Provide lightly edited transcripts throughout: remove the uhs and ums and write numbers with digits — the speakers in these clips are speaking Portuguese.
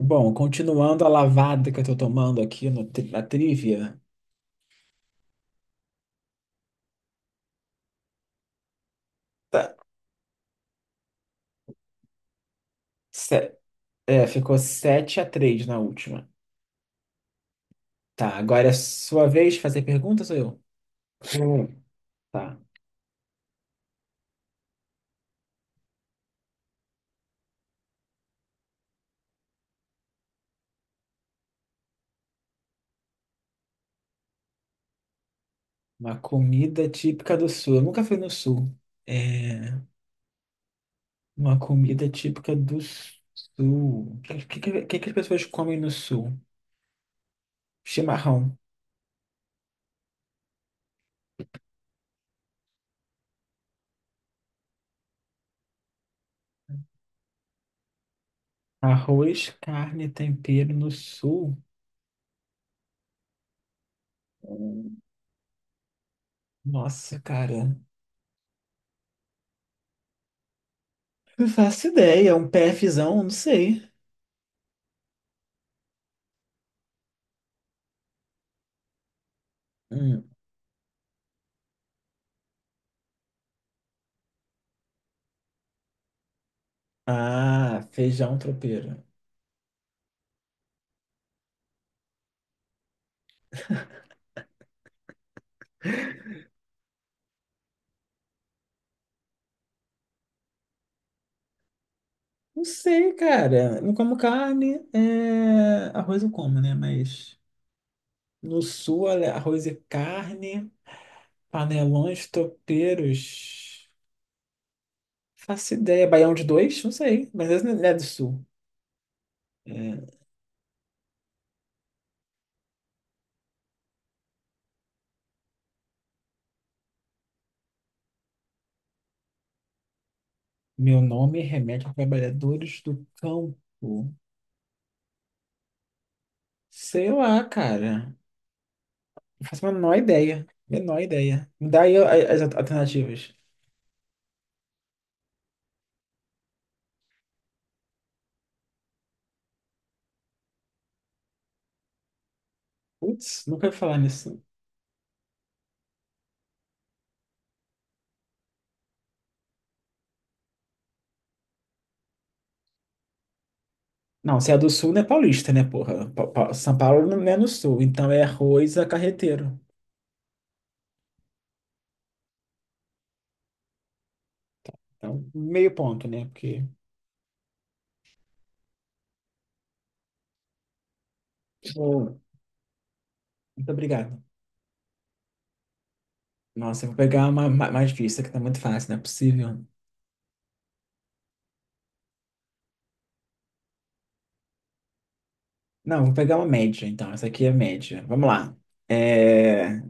Bom, continuando a lavada que eu tô tomando aqui no, tri- na trivia, tá, se- é, ficou 7-3 na última. Tá, agora é sua vez de fazer perguntas, sou eu? Hum. Tá, uma comida típica do sul. Eu nunca fui no sul. É, uma comida típica do sul. O que que as pessoas comem no sul? Chimarrão. Arroz, carne, e tempero no sul. Hum, Nossa, cara. Não faço ideia, é um PFzão, não sei. Hum. Ah, feijão tropeiro. Não sei, cara. Não como carne. Arroz eu como, né? Mas no sul, olha, arroz e carne, panelões, tropeiros. Faço ideia. Baião de dois? Não sei. Mas esse não é do sul. É, meu nome remete a trabalhadores do campo. Sei lá, cara. Não faço a menor ideia. Menor ideia. Me dá aí as alternativas. Putz, nunca ouvi falar nisso. Não, se é do sul não é paulista, né, porra? São Paulo não é no sul, então é arroz a carreteiro. Então, meio ponto, né? Porque. Boa. Muito obrigado. Nossa, eu vou pegar uma mais difícil, que tá muito fácil, não é possível. Não, vou pegar uma média, então. Essa aqui é média. Vamos lá. É...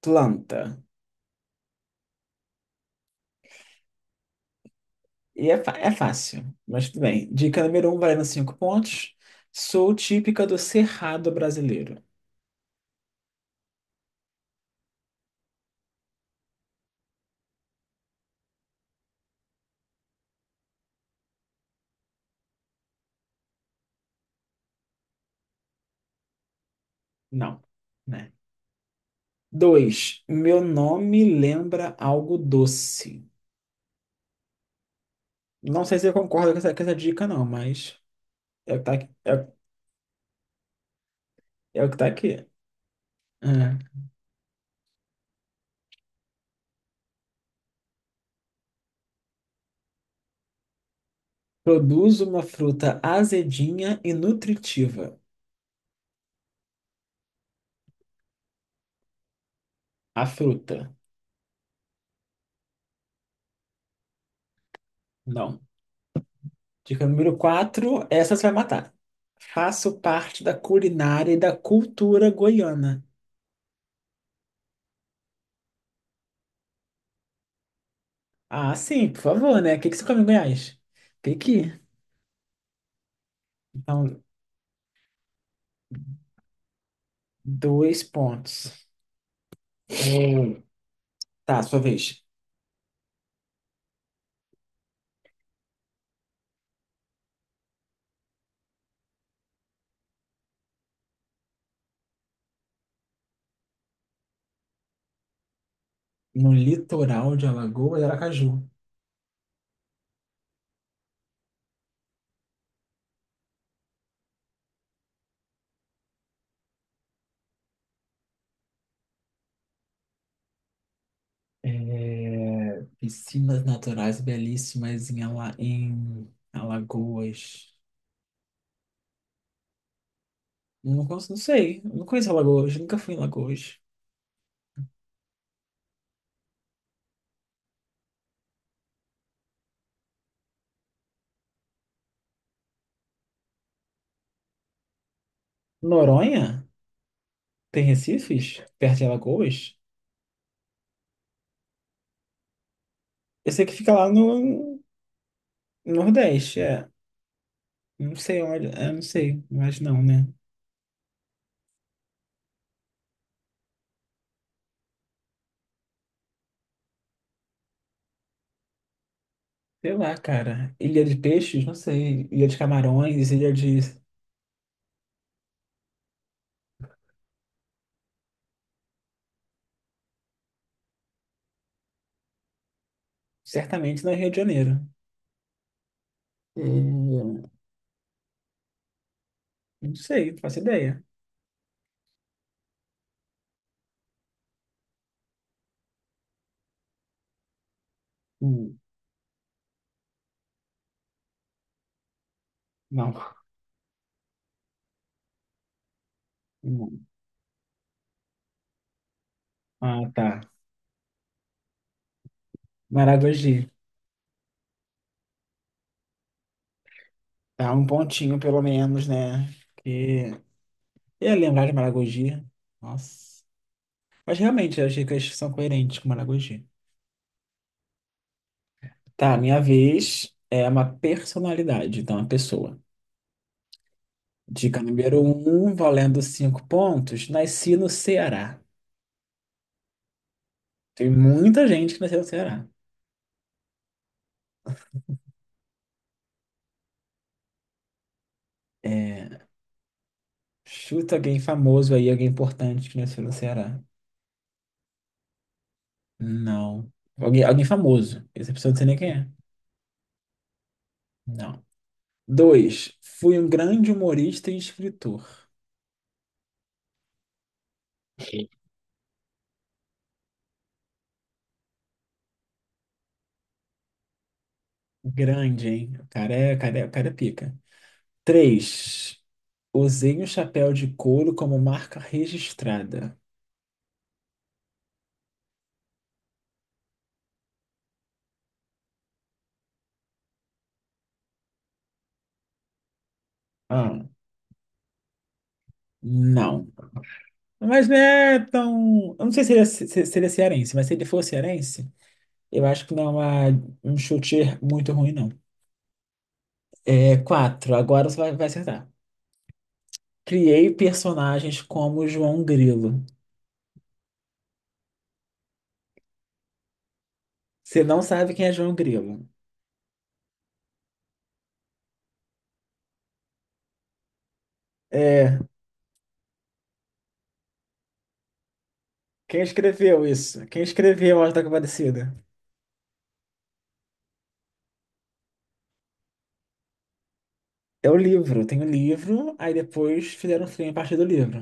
Planta. E é fácil, mas tudo bem. Dica número um, valendo cinco pontos. Sou típica do Cerrado brasileiro. Não, né? Dois, meu nome lembra algo doce. Não sei se eu concordo com essa dica, não, mas é o que tá aqui. É, é o que tá aqui. É. Produz uma fruta azedinha e nutritiva. A fruta. Não. Dica número 4. Essa você vai matar. Faço parte da culinária e da cultura goiana. Ah, sim, por favor, né? O que que você come em Goiás? Pequi. Então, dois pontos. Hum. Tá, sua vez. No litoral de Alagoas e Aracaju. É, piscinas naturais belíssimas em Alagoas. Não, não sei, eu não conheço Alagoas, nunca fui em Alagoas. Noronha? Tem Recifes? Perto de Alagoas? Eu sei que fica lá no Nordeste, é. Não sei onde, não sei, mas não, né? Sei lá, cara. Ilha de Peixes? Não sei. Ilha de Camarões, Ilha de. Certamente não é Rio de Janeiro. É, Não sei, não faço ideia. Hum, Não. Não. Ah, tá. Maragogi. Tá um pontinho, pelo menos, né? Que eu ia lembrar de Maragogi. Nossa. Mas realmente, as dicas são coerentes com Maragogi. Tá, minha vez é uma personalidade, então, uma pessoa. Dica número um, valendo cinco pontos. Nasci no Ceará. Tem muita gente que nasceu no Ceará. É, chuta alguém famoso aí, alguém importante que nasceu no Ceará. Não. Alguém famoso. Essa pessoa não sei nem quem é. Não. Dois, fui um grande humorista e escritor. Grande, hein? O cara é, o cara é, o cara é pica. Três, usei um chapéu de couro como marca registrada. Ah, não. Mas não é tão. Eu não sei se ele é cearense, mas se ele for cearense, eu acho que não é um chute muito ruim, não. É quatro, agora você vai acertar. Criei personagens como João Grilo. Você não sabe quem é João Grilo. É. Quem escreveu isso? Quem escreveu A Hora da Compadecida? É o livro. Tem o livro, aí depois fizeram um filme a partir do livro.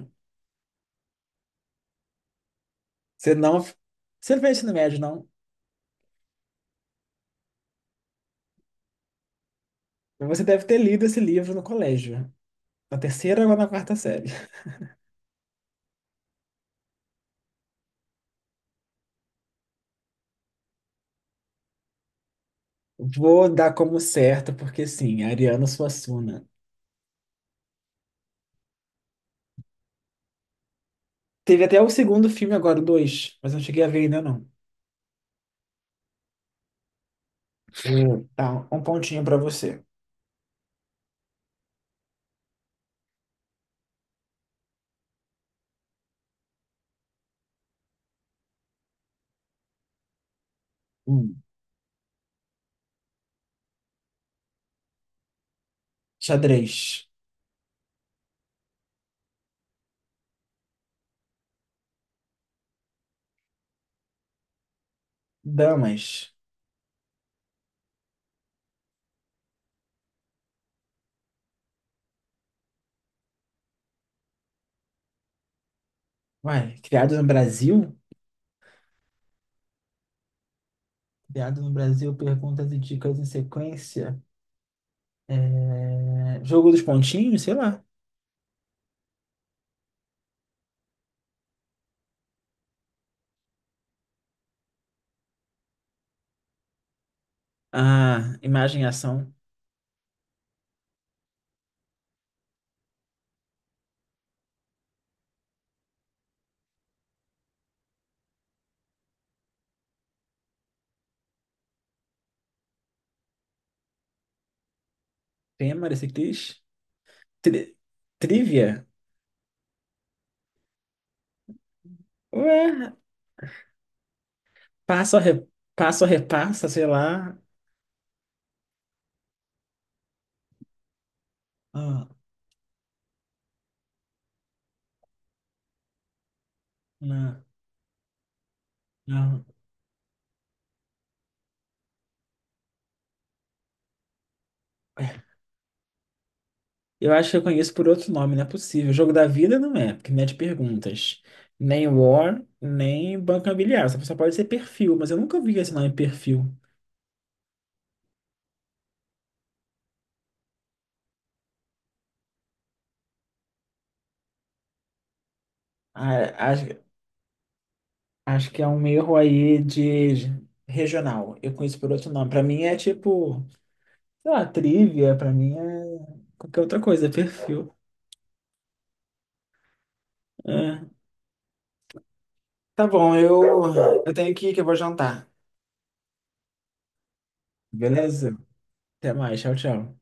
Você não. Você não fez ensino médio, não? Você deve ter lido esse livro no colégio. Na terceira ou na quarta série. Vou dar como certo, porque sim, Ariano Suassuna. Teve até o segundo filme agora, o dois, mas não cheguei a ver ainda, não. Hum. Tá, um pontinho pra você. Hum. Xadrez. Damas. Uai, criados no Brasil? Criado no Brasil, perguntas e dicas em sequência. É, jogo dos pontinhos, sei lá. Ah, imagem ação. Tema desse quiz. Tri- Trivia? Ué, passa ou re- passa ou repassa, sei lá. Ah, não, não. Eu acho que eu conheço por outro nome, não é possível. Jogo da vida não é, porque não é de perguntas. Nem War, nem Banca Bilhar. Só pode ser perfil, mas eu nunca vi esse nome perfil. Ah, acho que é um erro aí de regional. Eu conheço por outro nome. Pra mim é tipo, sei lá, trivia, pra mim é qualquer outra coisa, é perfil. É. Tá bom, eu tenho que ir que eu vou jantar. Beleza? Até mais, tchau, tchau.